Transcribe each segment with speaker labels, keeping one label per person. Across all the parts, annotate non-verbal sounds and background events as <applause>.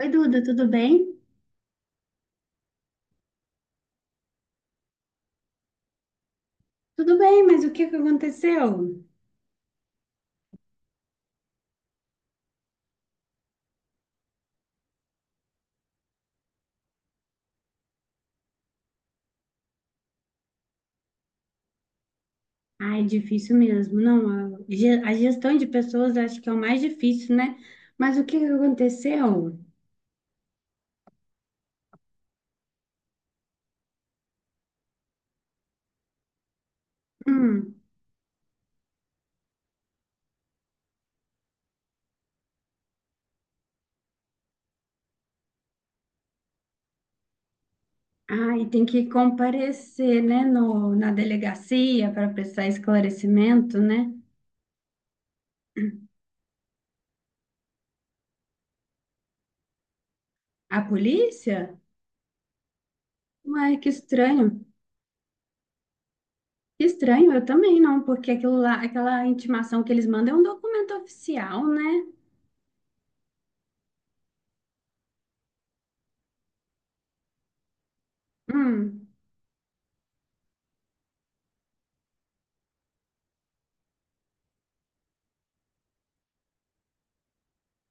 Speaker 1: Oi, Duda, tudo bem? Tudo bem, mas o que que aconteceu? Ai, difícil mesmo. Não, a gestão de pessoas acho que é o mais difícil, né? Mas o que que aconteceu? Hum. Ai, tem que comparecer, né, no, na delegacia para prestar esclarecimento, né? A polícia? Ué, que estranho. Que estranho, eu também não, porque aquilo lá, aquela intimação que eles mandam é um documento oficial, né? Hum.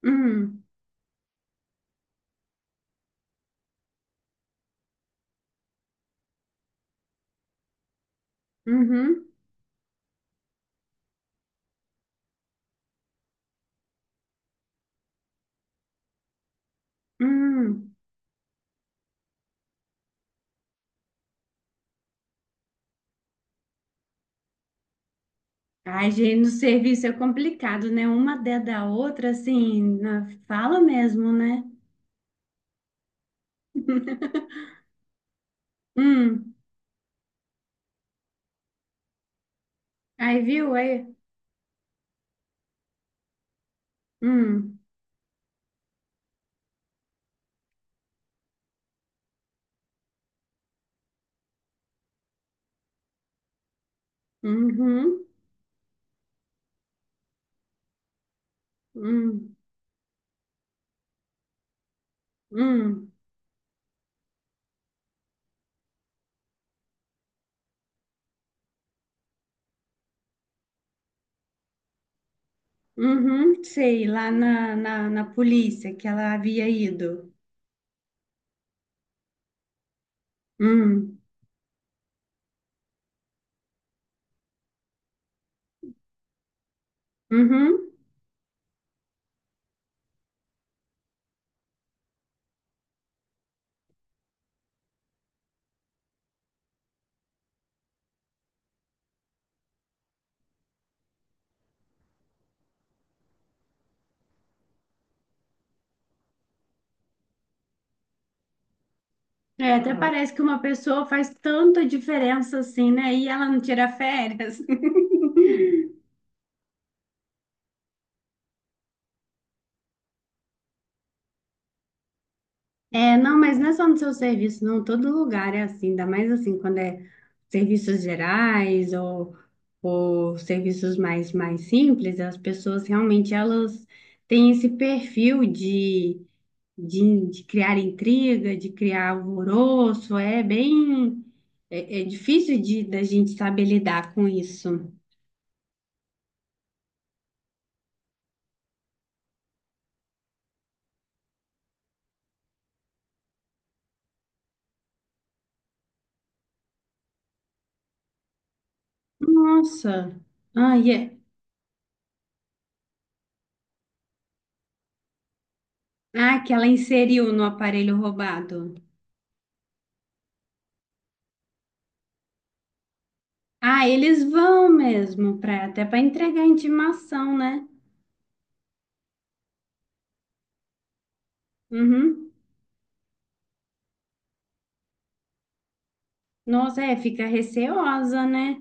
Speaker 1: Hum. Uhum. Hum. Ai, gente, no serviço é complicado, né? Uma dentro da outra, assim, na fala mesmo, né? <laughs> Hum. Aí viu? Aí. Hum. Uhum. Hum. Hum. Uhum. Sei, lá na polícia que ela havia ido. Hum. Uhum. É, até parece que uma pessoa faz tanta diferença assim, né? E ela não tira férias. <laughs> É, não, mas não é só no seu serviço, não. Todo lugar é assim, ainda mais assim, quando é serviços gerais ou serviços mais simples, as pessoas realmente elas têm esse perfil de criar intriga, de criar alvoroço, é bem, é difícil da gente saber lidar com isso. Nossa, ah, que ela inseriu no aparelho roubado. Ah, eles vão mesmo, até para entregar intimação, né? Uhum. Nossa, é, fica receosa, né?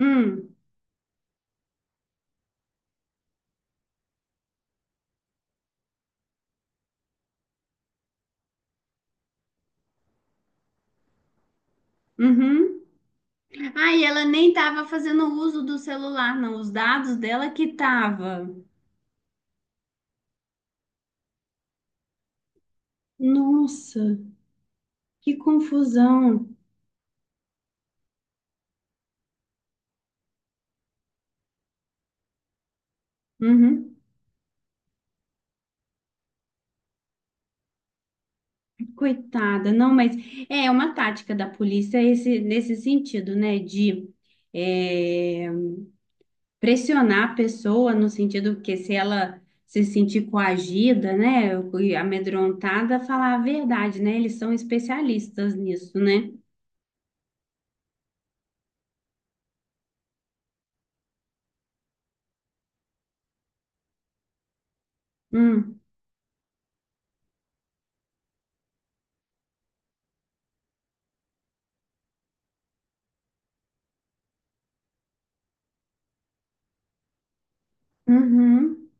Speaker 1: Hum. Uhum. Ah, e ela nem tava fazendo uso do celular, não. Os dados dela que tava. Nossa, que confusão. Uhum. Coitada, não, mas é uma tática da polícia esse, nesse sentido, né? De, é, pressionar a pessoa no sentido que se ela se sentir coagida, né, e amedrontada, falar a verdade, né? Eles são especialistas nisso, né? Hum. Uhum.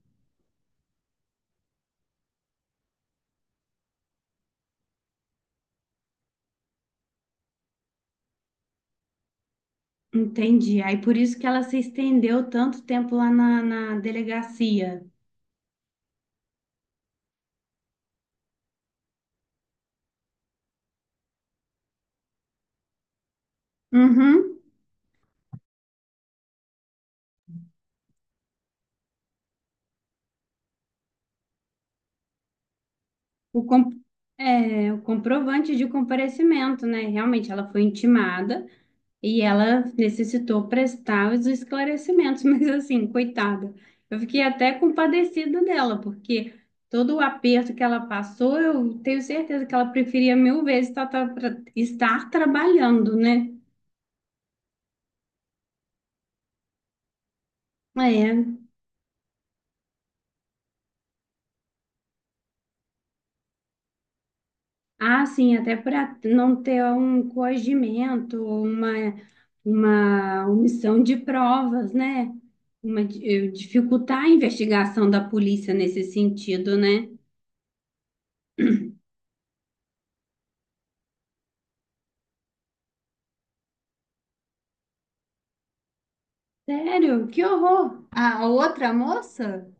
Speaker 1: Entendi. Aí por isso que ela se estendeu tanto tempo lá na delegacia. Uhum. O com- o comprovante de comparecimento, né? Realmente ela foi intimada. E ela necessitou prestar os esclarecimentos, <laughs> mas assim, coitada, eu fiquei até compadecida dela, porque todo o aperto que ela passou, eu tenho certeza que ela preferia mil vezes estar trabalhando, né? É. Ah, sim, até para não ter um coagimento, uma omissão de provas, né? Dificultar a investigação da polícia nesse sentido, né? Sério? Que horror! A outra moça?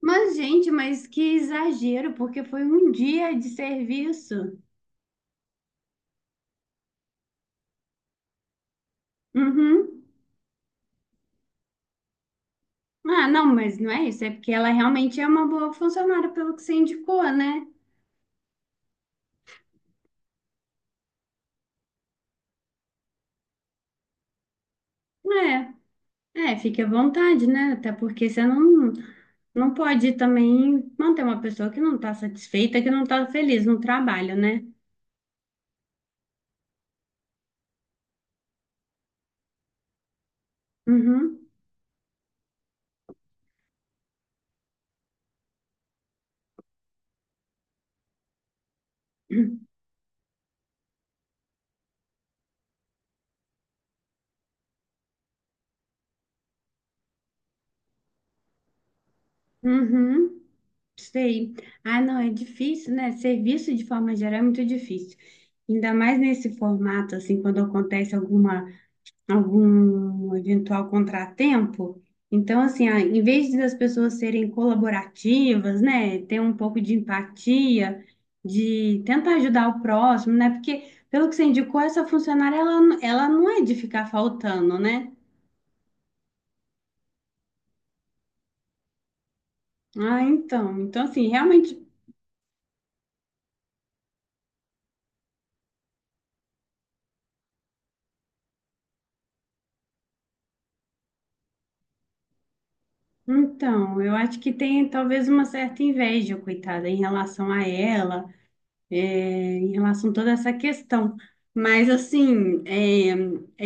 Speaker 1: Mas, gente, mas que exagero, porque foi um dia de serviço. Uhum. Ah, não, mas não é isso. É porque ela realmente é uma boa funcionária, pelo que você indicou, né? É, fique à vontade, né? Até porque você não, pode também manter uma pessoa que não está satisfeita, que não está feliz no trabalho, né? Uhum. <clears throat> Uhum. Sei. Ah, não, é difícil, né? Serviço de forma geral é muito difícil. Ainda mais nesse formato, assim, quando acontece algum eventual contratempo. Então, assim, ah, em vez das pessoas serem colaborativas, né? Ter um pouco de empatia, de tentar ajudar o próximo, né? Porque, pelo que você indicou, essa funcionária, ela, não é de ficar faltando, né? Ah, então. Então, assim, realmente Então, eu acho que tem talvez uma certa inveja, coitada, em relação a ela, é, em relação a toda essa questão. Mas, assim, é,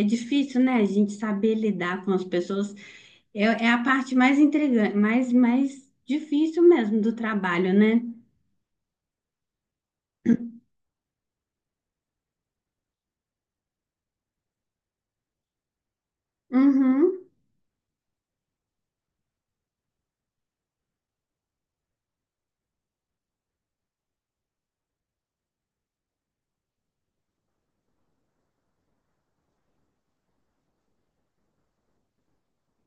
Speaker 1: é difícil, né, a gente saber lidar com as pessoas. É, é a parte mais intrigante, mais difícil mesmo do trabalho, né? Uhum,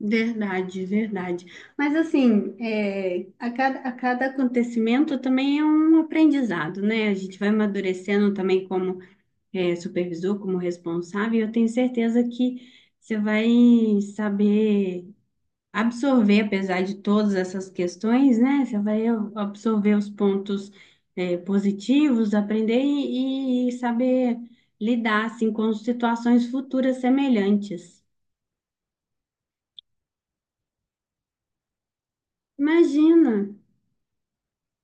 Speaker 1: verdade, verdade. Mas, assim, é, a cada acontecimento também é um aprendizado, né? A gente vai amadurecendo também como supervisor, como responsável, eu tenho certeza que você vai saber absorver, apesar de todas essas questões, né? Você vai absorver os pontos, positivos, aprender e saber lidar, assim, com situações futuras semelhantes. Imagina,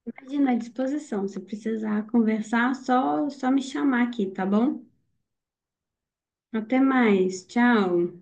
Speaker 1: imagina à disposição. Se precisar conversar, só me chamar aqui, tá bom? Até mais, tchau.